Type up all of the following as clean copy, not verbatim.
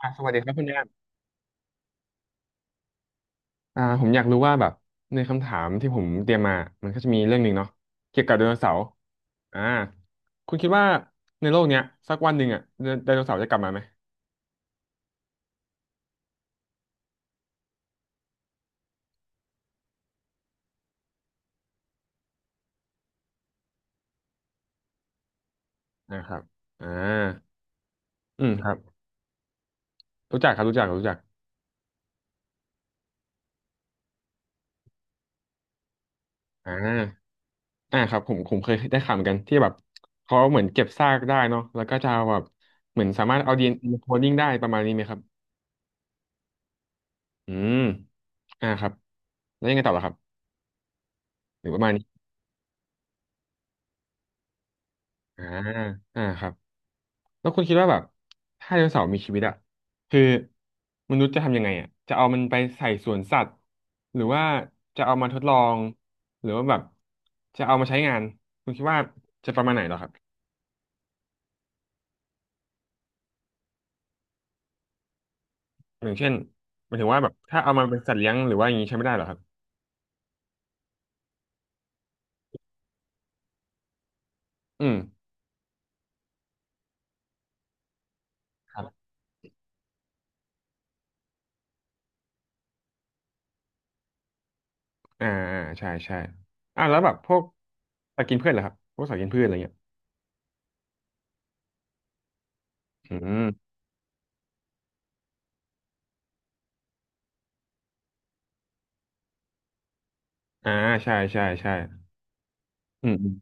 สวัสดีครับคุณแอมผมอยากรู้ว่าแบบในคำถามที่ผมเตรียมมามันก็จะมีเรื่องหนึ่งเนาะเกี่ยวกับไดโนเสาร์อ่าคุณคิดว่าในโลกเนี้ยสักวันหนึ่งอ่ะไดโนเสาร์จะกลับมาไหมนะครับอ่าอืมครับรู้จักครับรู้จักรู้จักอ่าครับผมเคยได้ข่าวเหมือนกันที่แบบเขาเหมือนเก็บซากได้เนาะแล้วก็จะเอาแบบเหมือนสามารถเอาดีเอ็นเอโคดิ้งได้ประมาณนี้ไหมครับอืมครับแล้วยังไงต่อล่ะครับหรือประมาณนี้อ่าครับ แล้วคุณคิดว่าแบบถ้าไดโนเสาร์มีชีวิตอะคือมนุษย์จะทำยังไงอะจะเอามันไปใส่สวนสัตว์หรือว่าจะเอามาทดลองหรือว่าแบบจะเอามาใช้งานคุณคิดว่าจะประมาณไหนเหรอครับอย่างเช่นหมายถึงว่าแบบถ้าเอามาเป็นสัตว์เลี้ยงหรือว่าอย่างนี้ใช้ไม่ได้เหรอครับอืมครับอ่าใช่ใช่แล้วแบบพวกสัตว์กินพืชเหรอครับพวกสัตว์กินพืชอะไรเงี้ยอืมอ่าใช่ใช่ใช่อืมอืม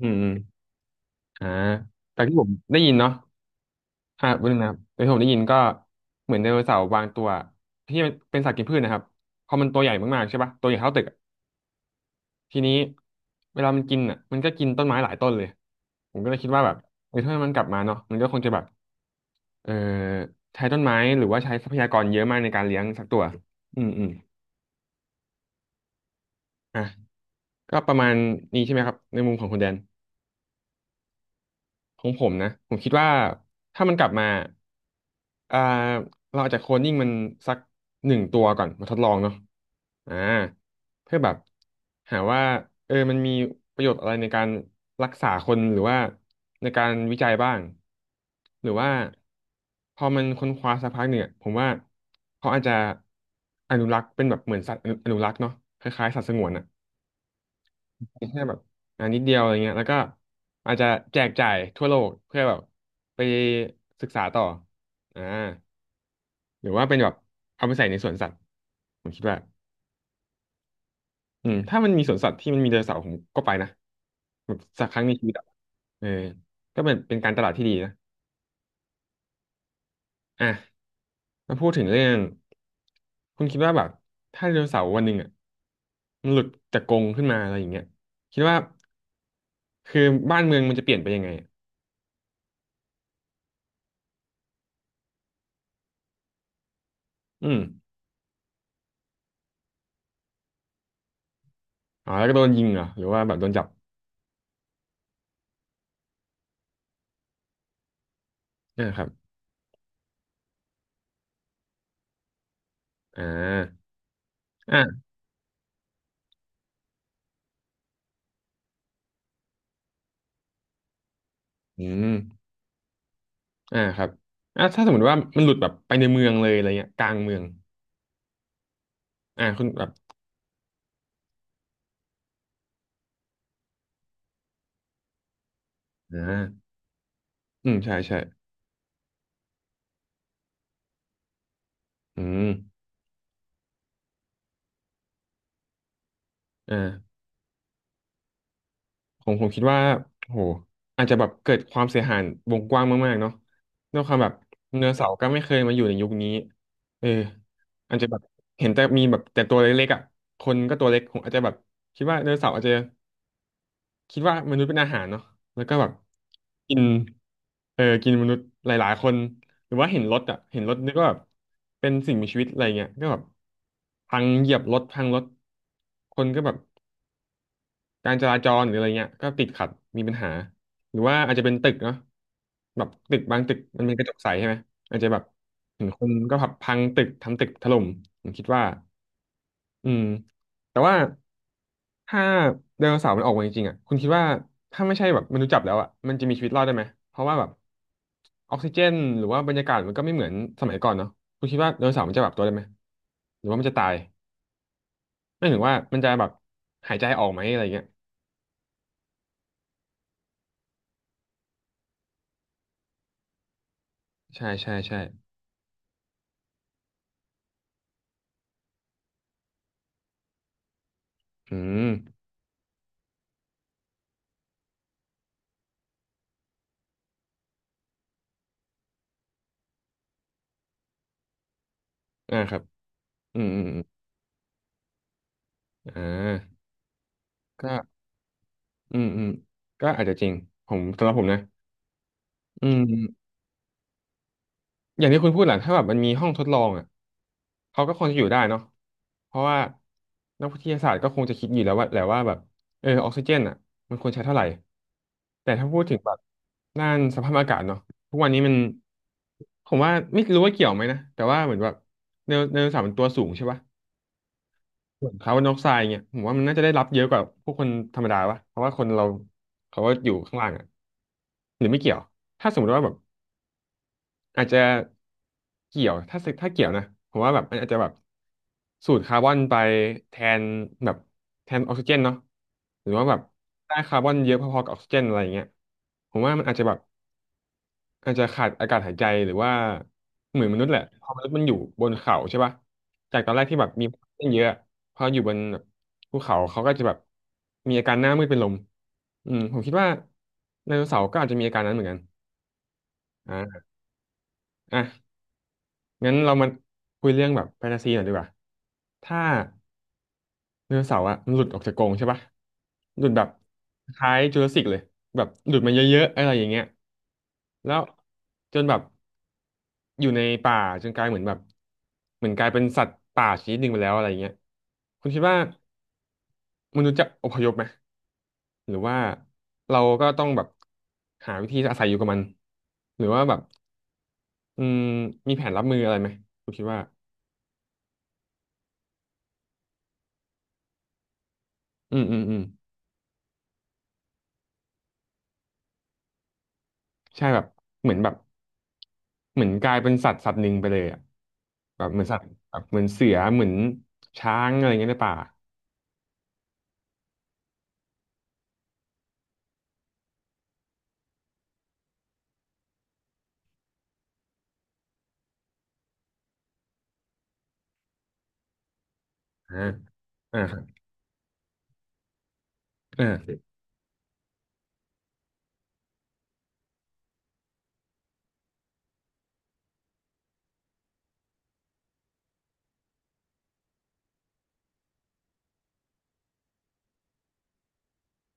อืมอืมอ่าแต่ที่ผมได้ยินเนาะ เรื่องนะครับแต่ที่ผมได้ยินก็เหมือนไดโนเสาร์บางตัวที่มันเป็นสัตว์กินพืชนะครับพอมันตัวใหญ่มากๆใช่ปะตัวใหญ่เท่าตึกอะทีนี้เวลามันกินอ่ะมันก็กินต้นไม้หลายต้นเลยผมก็เลยคิดว่าแบบเออถ้ามันกลับมาเนาะมันก็คงจะแบบเออใช้ต้นไม้หรือว่าใช้ทรัพยากรเยอะมากในการเลี้ยงสักตัวอืมอืมอ่ะก็ประมาณนี้ใช่ไหมครับในมุมของคุณแดน ของผมนะผมคิดว่าถ้ามันกลับมาอ่าเราอาจจะโคลนนิ่งมันสักหนึ่งตัวก่อนมาทดลองเนาะอ่าเพื่อแบบหาว่าเออมันมีประโยชน์อะไรในการรักษาคนหรือว่าในการวิจัยบ้างหรือว่าพอมันค้นคว้าสักพักเนี่ยผมว่าเขาอาจจะอนุรักษ์เป็นแบบเหมือนสัตว์อนุรักษ์เนาะคล้ายๆสัตว์สงวนอะ มีแค่แบบนิดเดียวอะไรเงี้ยแล้วก็อาจจะแจกจ่ายทั่วโลกเพื่อแบบไปศึกษาต่ออ่าหรือว่าเป็นแบบเอาไปใส่ในสวนสัตว์ผมคิดว่าถ้ามันมีสวนสัตว์ที่มันมีไดโนเสาร์ผมก็ไปนะแบบสักครั้งในชีวิตอะเออก็เป็นการตลาดที่ดีนะอ่ะมาพูดถึงเรื่องคุณคิดว่าแบบถ้าไดโนเสาร์วันหนึ่งอ่ะมันหลุดจากกรงขึ้นมาอะไรอย่างเงี้ยคิดว่าคือบ้านเมืองมันจะเปลี่ยนไปยังไงอะอืม อ๋อแล้วก็โดนยิงเหรอหรือว่าแบบโดนจับนะครับอ่าอ่าอืมครับถ้าสมมติว่ามันหลุดแบบไปในเมืองเลยอะไรเงี้ยกลางเมืองคุณแบบอ่าอืมใช่ใช่อืมอ่าผมคิดว่าโหอาจจะแบบเกิดความเสียหายวงกว้างมากๆเนาะด้วยความแบบไดโนเสาร์ก็ไม่เคยมาอยู่ในยุคนี้เอออาจจะแบบเห็นแต่มีแบบแต่ตัวเล็กๆอ่ะคนก็ตัวเล็กผมอาจจะแบบคิดว่าไดโนเสาร์อาจจะ คิดว่ามนุษย์เป็นอาหารเนาะแล้วก็แบบกินเออกินมนุษย์หลายๆคน หรือว่าเห็นรถอ่ะเห็นรถนึกว่าแบบเป็นสิ่งมีชีวิตอะไรเงี้ยก็แบบพังเหยียบรถพังรถคนก็แบบการจราจรหรืออะไรเงี้ยก็ติดขัดมีปัญหา หรือว่าอาจจะเป็นตึกเนาะแบบตึกบางตึกมันเป็นกระจกใสใช่ไหมอาจจะแบบเห็นคนก็พับพังตึกทำตึกถล่มผมคิดว่า อืมแต่ว่าถ้าไดโนเสาร์มันออกมาจริงๆอ่ะคุณคิดว่าถ้าไม่ใช่แบบมนุษย์จับแล้วอ่ะมันจะมีชีวิตรอดได้ไหมเพราะว่าแบบออกซิเจนหรือว่าบรรยากาศมันก็ไม่เหมือนสมัยก่อนเนาะคุณคิดว่าไดโนเสาร์มันจะปรับตัวได้ไหมหรือว่ามันจะตายไม่ถึงว่ามันจะแบบหายใจออกไหมอะไรเงี้ยใช่ใช่ใช่อืมครับอืมอืมอมอ่าก็อืมอืมก็อาจจะจริงผมสำหรับผมนะอืม อย่างที่คุณพูดแหละถ้าแบบมันมีห้องทดลองอ่ะเขาก็คงจะอยู่ได้เนาะเพราะว่านักวิทยาศาสตร์ก็คงจะคิดอยู่แล้วว่าแหละว่าแบบออกซิเจนอ่ะมันควรใช้เท่าไหร่แต่ถ้าพูดถึงแบบด้านสภาพอากาศเนาะทุกวันนี้มันผมว่าไม่รู้ว่าเกี่ยวไหมนะแต่ว่าเหมือนแบบไดโนเสาร์มันตัวสูงใช่ปะส่วนคาร์บอนไดออกไซด์เนี่ยผมว่ามันน่าจะได้รับเยอะกว่าพวกคนธรรมดาปะเพราะว่าคนเราเขาก็อยู่ข้างล่างอ่ะหรือไม่เกี่ยวถ้าสมมติว่าแบบ อาจจะเกี่ยวถ้าสึกถ้าเกี่ยวนะผมว่าแบบมันอาจจะแบบสูดคาร์บอนไปแทนแบบแทนออกซิเจนเนาะหรือว่าแบบได้คาร์บอนเยอะพอๆกับออกซิเจนอะไรอย่างเงี้ยผมว่ามันอาจจะแบบอาจจะขาดอากาศหายใจหรือว่าเหมือนมนุษย์แหละพอมนุษย์มันอยู่บนเขาใช่ปะจากตอนแรกที่แบบมีออกซิเจนเยอะพออยู่บนแบบภูเขาเขาก็จะแบบมีอาการหน้ามืดเป็นลมอืมผมคิดว่าไดโนเสาร์ก็อาจจะมีอาการนั้นเหมือนกันอ่าอ่ะ งั้นเรามาคุยเรื่องแบบแฟนตาซีหน่อยดีกว่าถ้าไดโนเสาร์อะมันหลุดออกจากกรงใช่ปะหลุดแบบคล้ายจูราสสิกเลยแบบหลุดมาเยอะๆอะไรอย่างเงี้ยแล้วจนแบบอยู่ในป่าจนกลายเหมือนแบบเหมือนกลายเป็นสัตว์ป่าชนิดหนึ่งไปแล้วอะไรอย่างเงี้ยคุณคิดว่ามนุษย์จะอพยพไหม หรือว่าเราก็ต้องแบบหาวิธีอาศัยอยู่กับมัน หรือว่าแบบอืมมีแผนรับมืออะไรไหมคุณคิดว่าอืมอืมอืม ใช่แบบเหมือนแบบเหมือนกลายเป็นสัตว์หนึ่งไปเลยอ่ะแบบเหมือนสัตว์แบบเหมือนเสือเหมือนช้างอะไรเงี้ยในป่าอ่าอ่าครับอ่า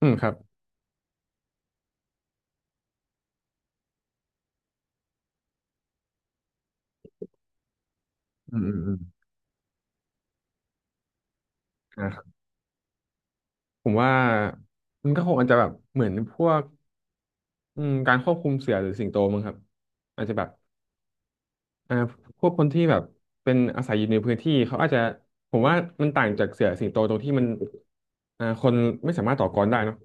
อืมครับอืมอืมอืมอ่าครับผมว่ามันก็คงอาจจะแบบเหมือนพวกอืมการควบคุมเสือหรือสิงโตมั้งครับอาจจะแบบอ่าพวกคนที่แบบเป็นอาศัยอยู่ในพื้นที่เขาอาจจะผมว่ามันต่างจากเสือสิงโตตรงที่มันคนไม่สามารถต่อกรได้เนอะ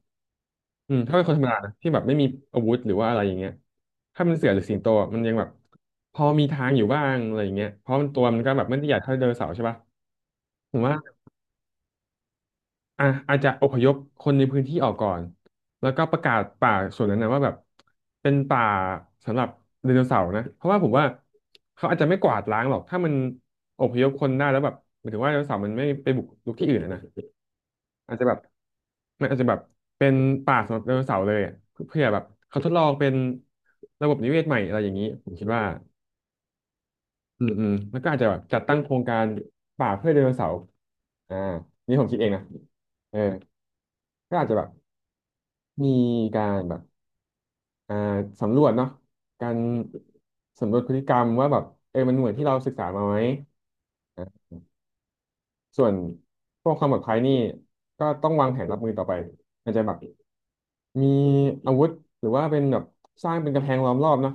อืมถ้าเป็นคนธรรมดานะที่แบบไม่มีอาวุธหรือว่าอะไรอย่างเงี้ยถ้าเป็นเสือหรือสิงโตอะมันยังแบบพอมีทางอยู่บ้างอะไรอย่างเงี้ยเพราะมันตัวมันก็แบบไม่ได้ใหญ่เท่าไดโนเสาร์ใช่ปะผมว่า อ่ะอาจจะอพยพคนในพื้นที่ออกก่อนแล้วก็ประกาศป่าส่วนนั้นนะว่าแบบเป็นป่าสำหรับไดโนเสาร์นะเพราะว่าผมว่าเขาอาจจะไม่กวาดล้างหรอกถ้ามันอพยพคนได้แล้วแบบหมายถึงว่าไดโนเสาร์มันไม่ไปบุกรุกที่อื่นอะนะอาจจะแบบมันอาจจะแบบเป็นป่าสำหรับไดโนเสาร์เลยอะเพื่อแบบเขาทดลองเป็นระบบนิเวศใหม่อะไรอย่างนี้ผมคิดว่าอืมอืมแล้วก็อาจจะแบบจัดตั้งโครงการป่าเพื่อไดโนเสาร์อ่านี่ผมคิดเองนะเออก็อาจจะแบบ มีการแบบอ่าสำรวจเนาะการสำรวจพฤติกรรมว่าแบบมันเหมือนที่เราศึกษามาไหมนะส่วนพวกความปลอดภัยนี่ก็ต้องวางแผนรับมือต่อไปมันจะแบบมีอาวุธหรือว่าเป็นแบบสร้างเป็นกำแพงล้อมรอบเนาะ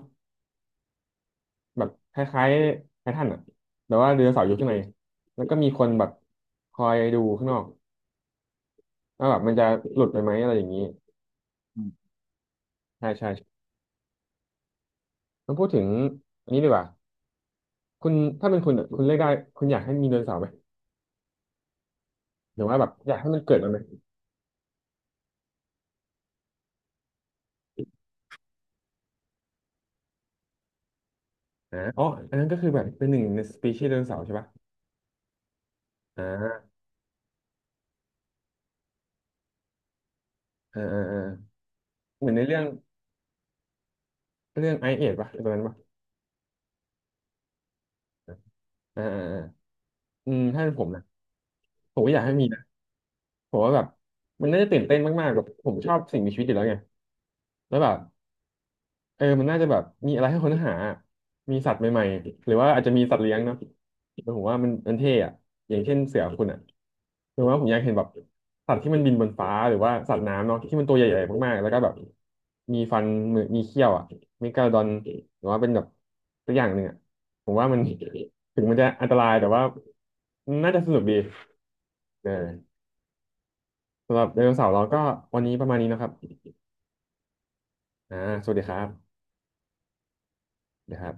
แบบคล้ายๆไททันอะแต่ว่าเรือเสาอยู่ข้างในแล้วก็มีคนแบบคอยดูข้างนอกว่าแบบมันจะหลุดไปไหมอะไรอย่างนี้ใช่ใช่มัพูดถึงอันนี้ดีกว่าคุณถ้าเป็นคุณอะคุณเลือกได้คุณอยากให้มีไดโนเสาร์ไหม หรือว่าแบบอยากให้มันเกิดมันไหมอ่าอ๋ออันนั้นก็คือแบบเป็นหนึ่งในสปีชีส์ไดโนเสาร์ใช่ปะอ่าอ่าอ่าอ่าเหมือนในเรื่องเรื่องไอเอดปะตอนนั้นปะอ่าอ่าอาอืมถ้าเป็นผมนะผมก็อยากให้มีนะผมว่าแบบมันน่าจะตื่นเต้นมากๆแบบผมชอบสิ่งมีชีวิตอยู่แล้วไงแล้วแบบ มันน่าจะแบบมีอะไรให้ค้นหามีสัตว์ใหม่ๆหรือว่าอาจจะมีสัตว์เลี้ยงเนาะแต่ผมว่ามันเท่อะอย่างเช่นเสือคุณอะหรือว่าผมอยากเห็นแบบสัตว์ที่มันบินบนฟ้าหรือว่าสัตว์น้ำเนาะที่มันตัวใหญ่ๆมากๆแล้วก็แบบมีฟันมือมีเขี้ยวอะเมกาโดอนหรือว่าเป็นแบบตัวอย่างหนึ่งอะผมว่ามันถึงมันจะอันตรายแต่ว่าน่าจะสนุกดีเออสำหรับไดโนเสาร์เราก็วันนี้ประมาณนี้นะครับอ่าสวัสดีครับนะครับ